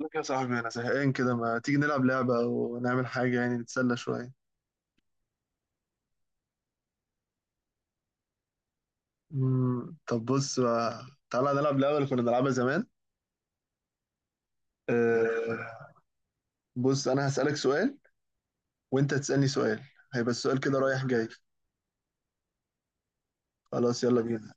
لك يا صاحبي، أنا زهقان كده. ما تيجي نلعب لعبة ونعمل حاجة، يعني نتسلى شوية؟ مم. طب بص بقى، تعالى نلعب لعبة اللي كنا بنلعبها زمان. أه. بص، أنا هسألك سؤال، وأنت تسألني سؤال. هيبقى السؤال كده رايح جاي. خلاص، يلا بينا.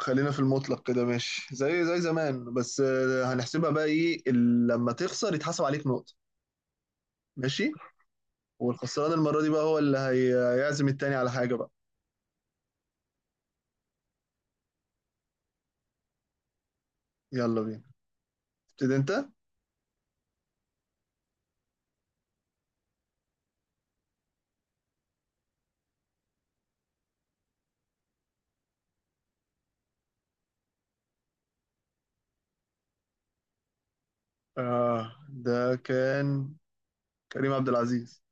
خلينا في المطلق كده، ماشي زي زمان. بس هنحسبها بقى إيه. لما تخسر يتحسب عليك نقطة. ماشي. والخسران المرة دي بقى هو اللي هيعزم التاني على حاجة بقى. يلا بينا، تبتدي أنت. آه، ده كان كريم عبد العزيز.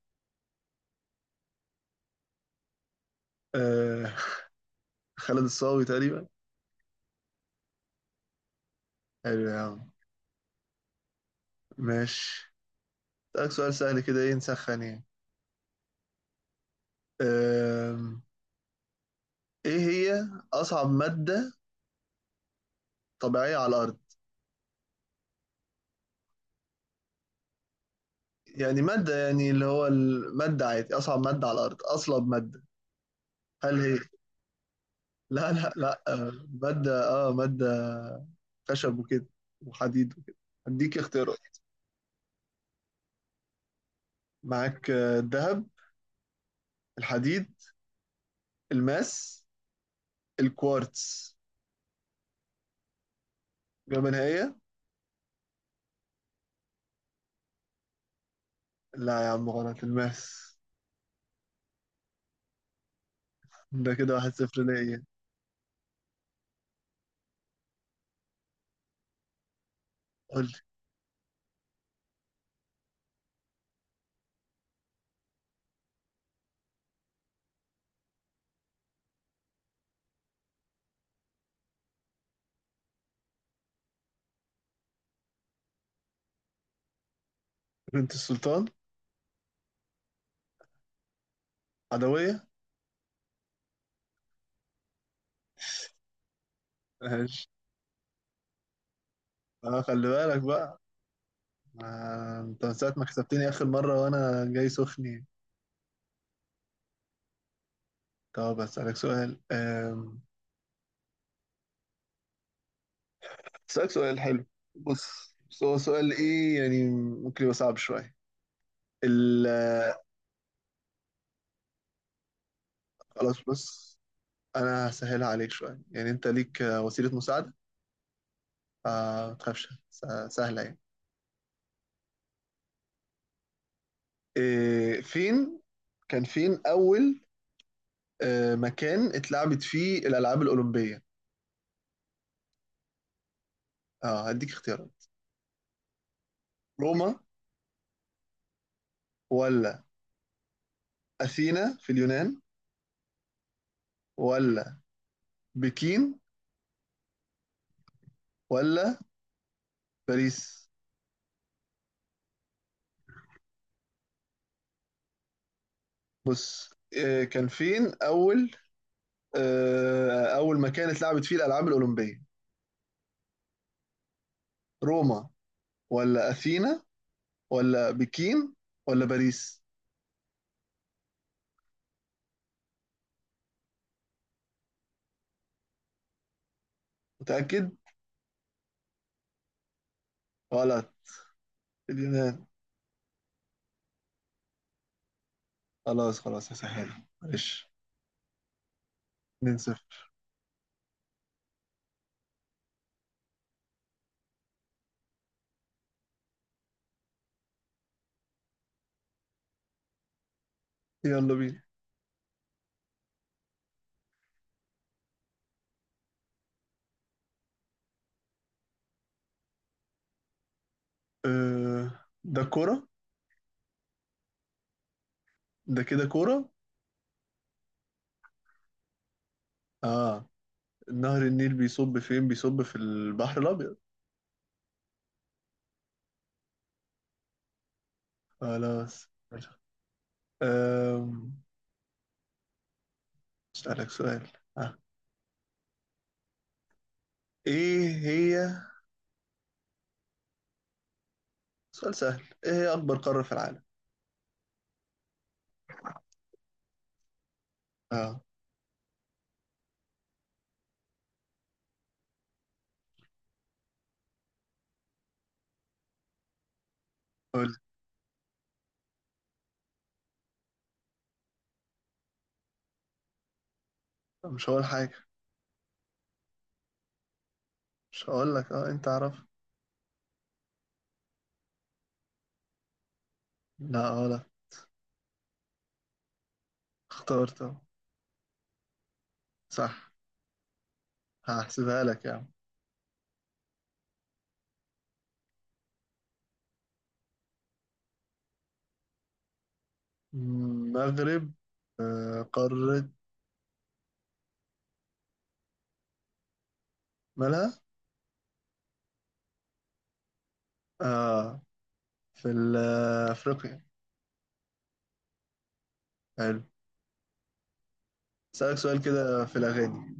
آه، خالد الصاوي تقريبا. حلو يا عم، ماشي. أسألك سؤال سهل كده، ايه نسخن يعني. آم، ايه هي أصعب مادة طبيعية على الأرض؟ يعني مادة، يعني اللي هو المادة عادي، أصعب مادة على الأرض، أصلب مادة. هل هي لا لا لا. آه، مادة خشب وكده، وحديد وكده. هديك اختيارات. معاك الذهب، الحديد، الماس، الكوارتز. إجابة نهائية. لا يا عم، غلط. الماس. ده كده 1-0 ليا. قول لي. بنت السلطان عدوية. ماشي. اه خلي بالك بقى. انت من ساعة ما كسبتني آخر مرة، وأنا جاي سخني. طب أسألك سؤال. أسألك سؤال حلو. بص، بس هو سؤال إيه يعني. ممكن يبقى صعب شوية. ال آه، خلاص بص، أنا هسهلها عليك شوية. يعني أنت ليك وسيلة مساعدة. ما تخافش، سهلة يعني. إيه فين كان فين أول مكان اتلعبت فيه الألعاب الأولمبية؟ اه هديك اختيارات. روما، ولا أثينا في اليونان، ولا بكين، ولا باريس؟ بص، كان فين أول أول مكان اتلعبت فيه الألعاب الأولمبية؟ روما، ولا أثينا، ولا بكين، ولا باريس؟ متأكد؟ غلط، اليونان. خلاص خلاص هسهلها معلش. 2-0. يلا بينا. ده كرة. ده كده كرة. اه، نهر النيل بيصب فين؟ بيصب في البحر الأبيض. خلاص. أم، أسألك سؤال. ها، إيه هي سؤال سهل، إيه هي أكبر قارة في العالم؟ اه. قول لي. مش هقول حاجة. مش هقول لك، أنت عارف. لا، غلط. اخترت أهو. صح. هحسبها لك يا عم. المغرب قارة. مالها. اه في أفريقيا. حلو. أسألك سؤال كده في الأغاني.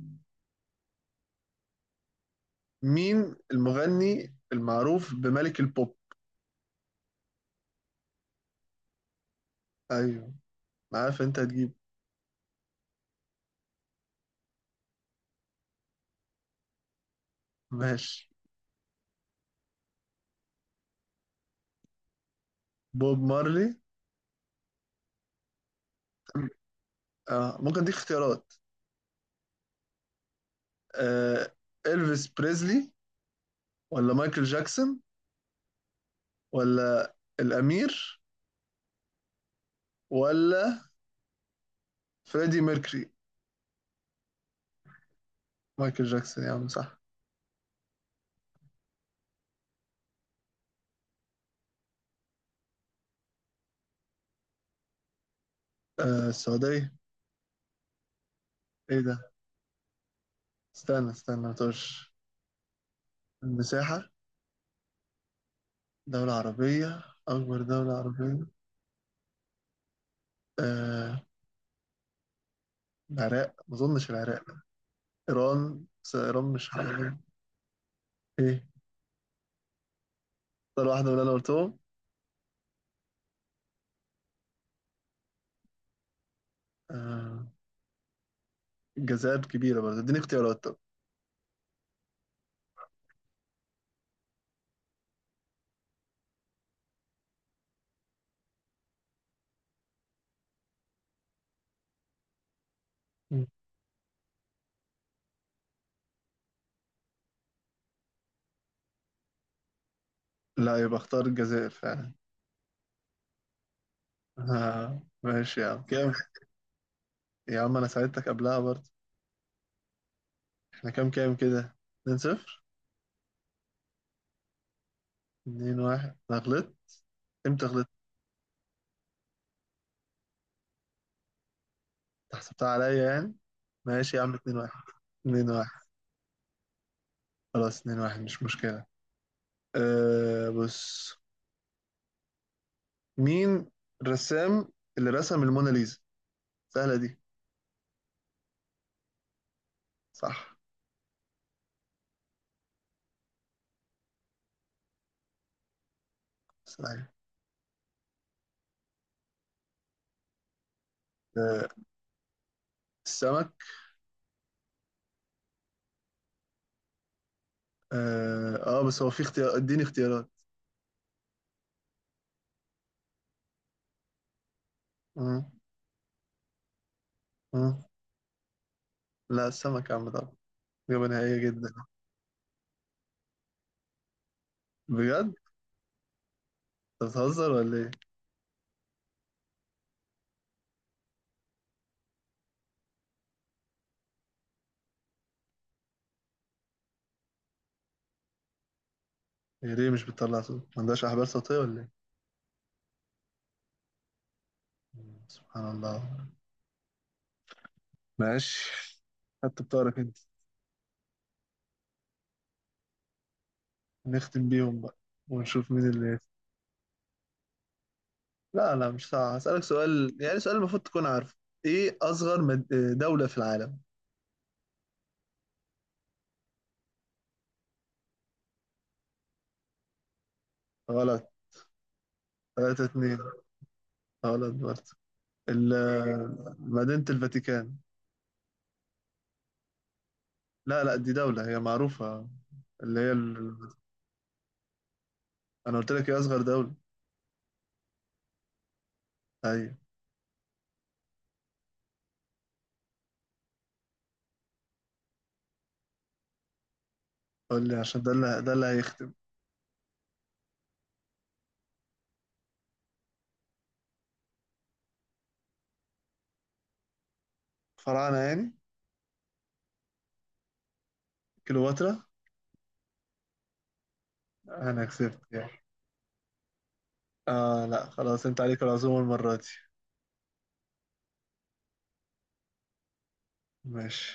مين المغني المعروف بملك البوب؟ ايوه، أنا عارف انت هتجيب. ماشي. بوب مارلي. آه. ممكن اديك اختيارات. آه. إلفيس بريزلي، ولا مايكل جاكسون، ولا الأمير، ولا فريدي ميركري؟ مايكل جاكسون يا عم، صح. السعودية. ايه ده، استنى استنى ما تقولش. المساحة، دولة عربية، أكبر دولة عربية. آه. العراق، ما أظنش العراق. إيران، بس إيران مش عربية. ايه. اختار واحدة، ولا أنا قلتهم؟ آه. الجزائر كبيرة برضه، اديني اختيارات طب. مم. لا، يبقى اختار الجزائر فعلا. آه، ماشي يا عم، كام؟ يا عم، انا ساعدتك قبلها برضه. احنا كام كام كده. 2 0. 2 1، انا غلطت. امتى غلطت؟ أنت حسبتها عليا يعني. ماشي يا عم، 2 1. 2 1 خلاص. 2 1 مش مشكلة. بص، مين الرسام اللي رسم الموناليزا؟ سهلة دي. صح. سهلة. آه، السمك. بس هو في اختيار، اديني اختيارات. مم. مم. لا، السمك يا عم طبعا. إجابة نهائية جدا. بجد؟ أنت بتهزر ولا إيه؟ هي ليه مش بتطلع صوت؟ ما عندهاش أحبال صوتية ولا إيه؟ مم. سبحان الله. ماشي. حتى بتعرف أنت. نختم بيهم بقى. ونشوف مين اللي يكسب. لا لا مش صعب. هسألك سؤال، يعني سؤال المفروض تكون عارفه. إيه أصغر دولة في العالم؟ غلط. 3 2. غلط برضه. مدينة الفاتيكان. لا لا، دي دولة، هي معروفة. اللي هي. أنا قلت لك هي أصغر دولة. أيوة. قول لي، عشان ده اللي هيختم. فراعنة يعني. كليوباترا. انا كسبت يعني؟ اه لا، خلاص. انت عليك العزومة المرة دي. ماشي.